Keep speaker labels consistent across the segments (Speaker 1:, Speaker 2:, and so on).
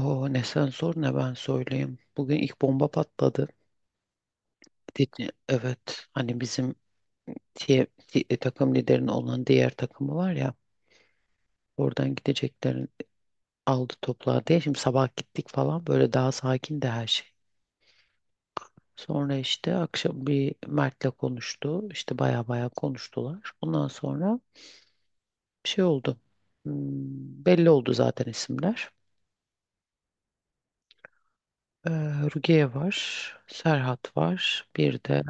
Speaker 1: Oo ne sen sor ne ben söyleyeyim. Bugün ilk bomba patladı. Evet hani bizim diye- takım liderinin olan diğer takımı var ya oradan gideceklerin aldı topladı diye. Şimdi sabah gittik falan böyle daha sakin de her şey. Sonra işte akşam bir Mert'le konuştu. İşte baya baya konuştular. Ondan sonra bir şey oldu. Hmm, belli oldu zaten isimler. Ee, Rukiye var, Serhat var, bir de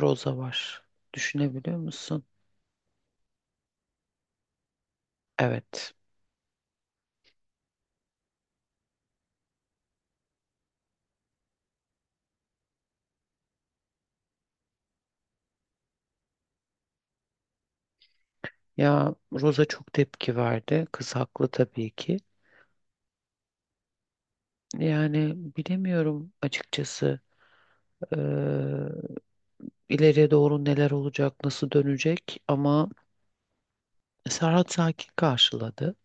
Speaker 1: Roza var. Düşünebiliyor musun? Evet. Ya Rosa çok tepki verdi. Kız haklı tabii ki. Yani bilemiyorum açıkçası eee, ileriye doğru neler olacak, nasıl dönecek ama Serhat sakin karşıladı.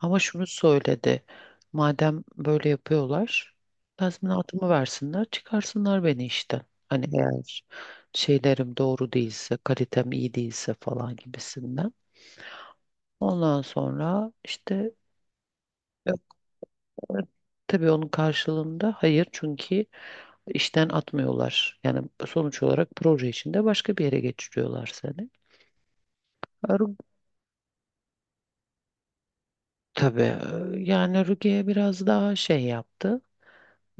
Speaker 1: Ama şunu söyledi. Madem böyle yapıyorlar, tazminatımı versinler, çıkarsınlar beni işten. Hani eğer şeylerim doğru değilse, kalitem iyi değilse falan gibisinden. Ondan sonra işte tabii onun karşılığında hayır çünkü işten atmıyorlar. Yani sonuç olarak proje içinde başka bir yere geçiriyorlar seni. Ru- Tabii yani Rukiye biraz daha şey yaptı.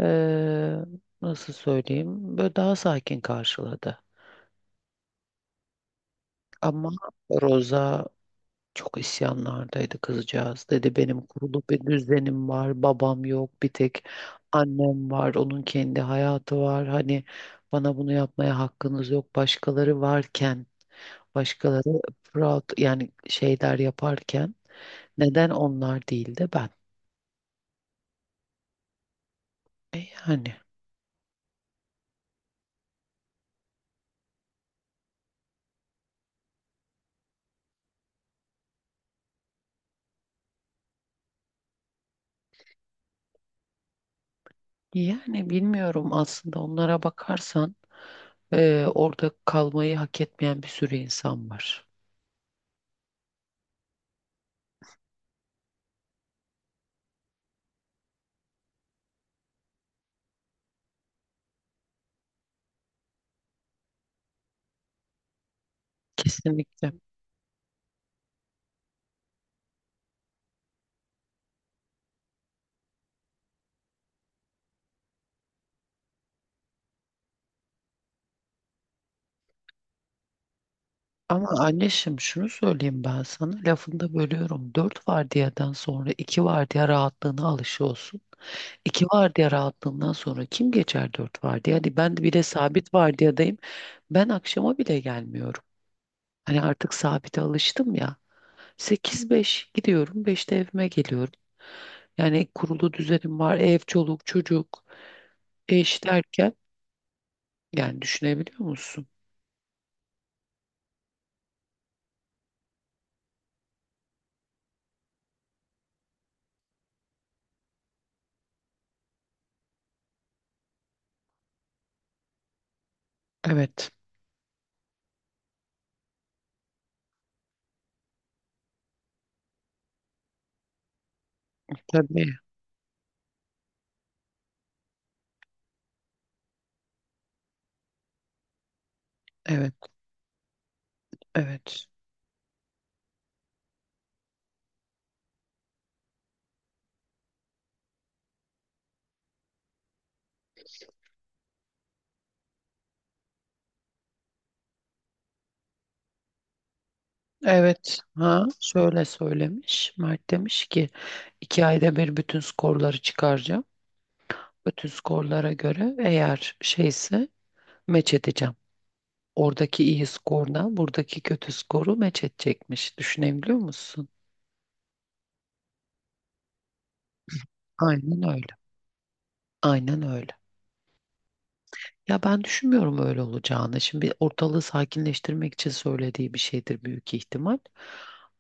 Speaker 1: Ee, nasıl söyleyeyim? Böyle daha sakin karşıladı. Ama Roza çok isyanlardaydı kızcağız. Dedi benim kurulu bir düzenim var, babam yok, bir tek annem var, onun kendi hayatı var. Hani bana bunu yapmaya hakkınız yok. Başkaları varken, başkaları proud yani şeyler yaparken neden onlar değil de ben? E yani bilmiyorum aslında onlara bakarsan orada kalmayı hak etmeyen bir sürü insan var. Kesinlikle. Ama anneşim şunu söyleyeyim ben sana lafını da bölüyorum. Dört vardiyadan sonra iki vardiya rahatlığına alışı olsun. İki vardiya rahatlığından sonra kim geçer dört vardiya? Hani ben bile sabit vardiyadayım. Ben akşama bile gelmiyorum. Hani artık sabite alıştım ya. Sekiz beş gidiyorum. Beşte evime geliyorum. Yani kurulu düzenim var. Ev, çoluk, çocuk, eş derken. Yani düşünebiliyor musun? Evet. Tabii. Evet. Evet. Evet, ha şöyle söylemiş. Mert demiş ki iki ayda bir bütün skorları çıkaracağım. Bütün skorlara göre eğer şeyse meç edeceğim. Oradaki iyi skordan buradaki kötü skoru meç edecekmiş. Düşünebiliyor musun? Aynen öyle. Aynen öyle. Ya ben düşünmüyorum öyle olacağını. Şimdi ortalığı sakinleştirmek için söylediği bir şeydir büyük ihtimal.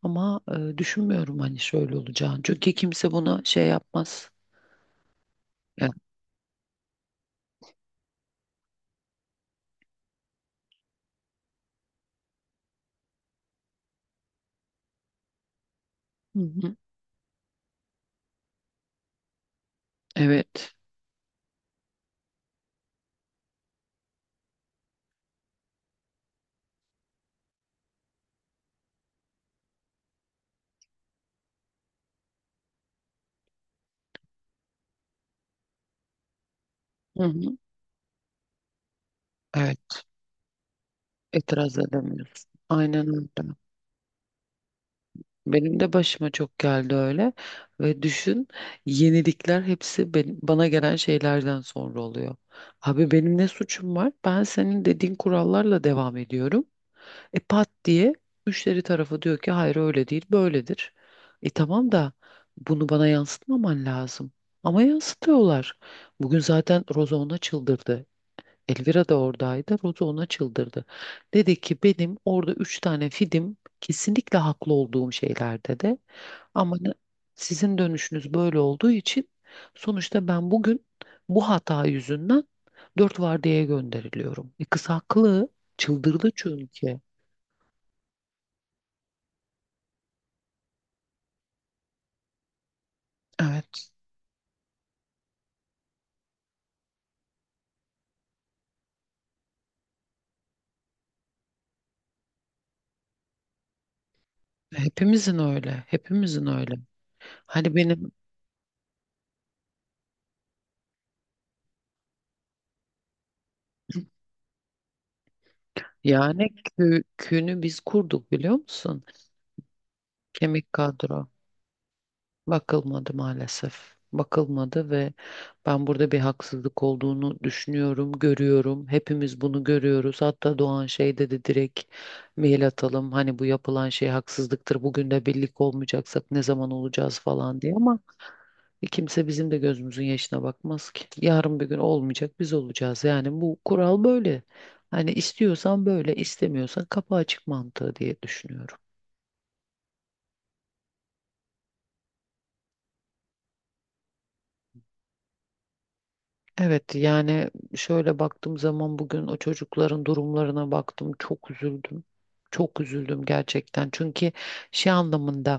Speaker 1: Ama düşünmüyorum hani şöyle olacağını. Çünkü kimse buna şey yapmaz. Ya, hı hı. Evet. Hı hı. Evet, itiraz edemiyorsun. Aynen öyle. Benim de başıma çok geldi öyle. Ve düşün, yenilikler hepsi bana gelen şeylerden sonra oluyor. Abi benim ne suçum var? Ben senin dediğin kurallarla devam ediyorum. E pat diye müşteri tarafı diyor ki hayır öyle değil, böyledir. E tamam da bunu bana yansıtmaman lazım. Ama yansıtıyorlar. Bugün zaten Roza ona çıldırdı. Elvira da oradaydı. Roza ona çıldırdı. Dedi ki benim orada üç tane fidim kesinlikle haklı olduğum şeylerde de ama sizin dönüşünüz böyle olduğu için sonuçta ben bugün bu hata yüzünden dört vardiyaya gönderiliyorum. E kız haklı. Çıldırdı çünkü. Evet. Hepimizin öyle. Hepimizin öyle. Hani benim yani köyünü biz kurduk biliyor musun? Kemik kadro. Bakılmadı maalesef. Bakılmadı ve ben burada bir haksızlık olduğunu düşünüyorum, görüyorum. Hepimiz bunu görüyoruz. Hatta Doğan şey dedi direkt mail atalım. Hani bu yapılan şey haksızlıktır. Bugün de birlik olmayacaksak ne zaman olacağız falan diye ama kimse bizim de gözümüzün yaşına bakmaz ki. Yarın bir gün olmayacak biz olacağız. Yani bu kural böyle. Hani istiyorsan böyle, istemiyorsan kapı açık mantığı diye düşünüyorum. Evet yani şöyle baktığım zaman bugün o çocukların durumlarına baktım çok üzüldüm. Çok üzüldüm gerçekten. Çünkü şey anlamında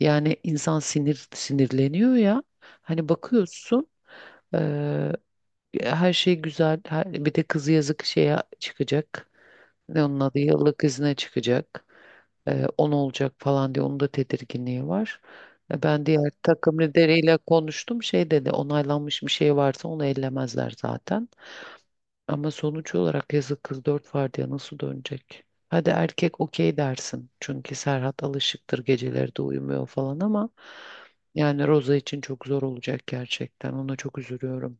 Speaker 1: yani insan sinir sinirleniyor ya. Hani bakıyorsun her şey güzel. Her, bir de kızı yazık şeye çıkacak. Ne onun adı yıllık izne çıkacak. On olacak falan diye onun da tedirginliği var. Ben diğer takım lideriyle konuştum. Şey dedi onaylanmış bir şey varsa onu ellemezler zaten. Ama sonuç olarak yazık kız dört var nasıl dönecek? Hadi erkek okey dersin. Çünkü Serhat alışıktır geceleri de uyumuyor falan ama yani Roza için çok zor olacak gerçekten. Ona çok üzülüyorum.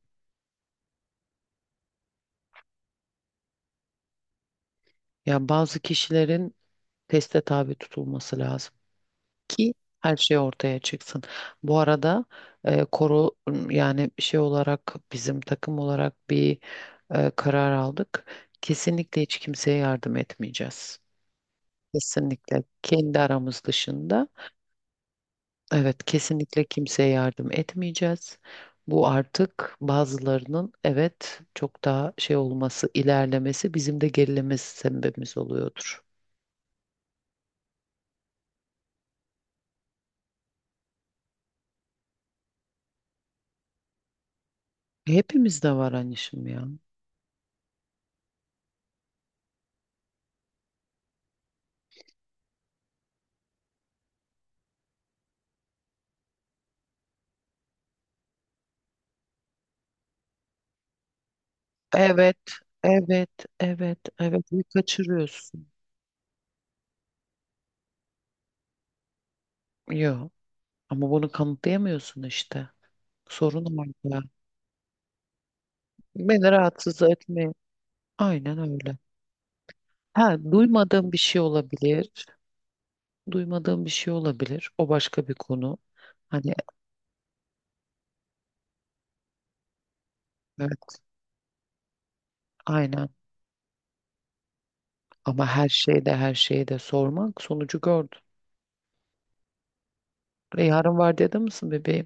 Speaker 1: Yani bazı kişilerin teste tabi tutulması lazım ki her şey ortaya çıksın. Bu arada koro yani şey olarak bizim takım olarak bir karar aldık. Kesinlikle hiç kimseye yardım etmeyeceğiz. Kesinlikle kendi aramız dışında. Evet, kesinlikle kimseye yardım etmeyeceğiz. Bu artık bazılarının evet çok daha şey olması, ilerlemesi bizim de gerilemesi sebebimiz oluyordur. Hepimizde var annişim ya. Evet, evet, evet, evet. Bunu kaçırıyorsun. Yok. Ama bunu kanıtlayamıyorsun işte. Sorun orada. Beni rahatsız etme. Aynen öyle. Ha, duymadığım bir şey olabilir. Duymadığım bir şey olabilir. O başka bir konu. Hani evet, aynen. Ama her şeyde her şeyi de sormak sonucu gördüm. E, yarın var dedi misin bebeğim?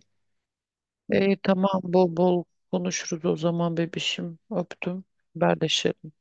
Speaker 1: E, tamam bol bol konuşuruz o zaman bebişim. Öptüm. Haberleşelim.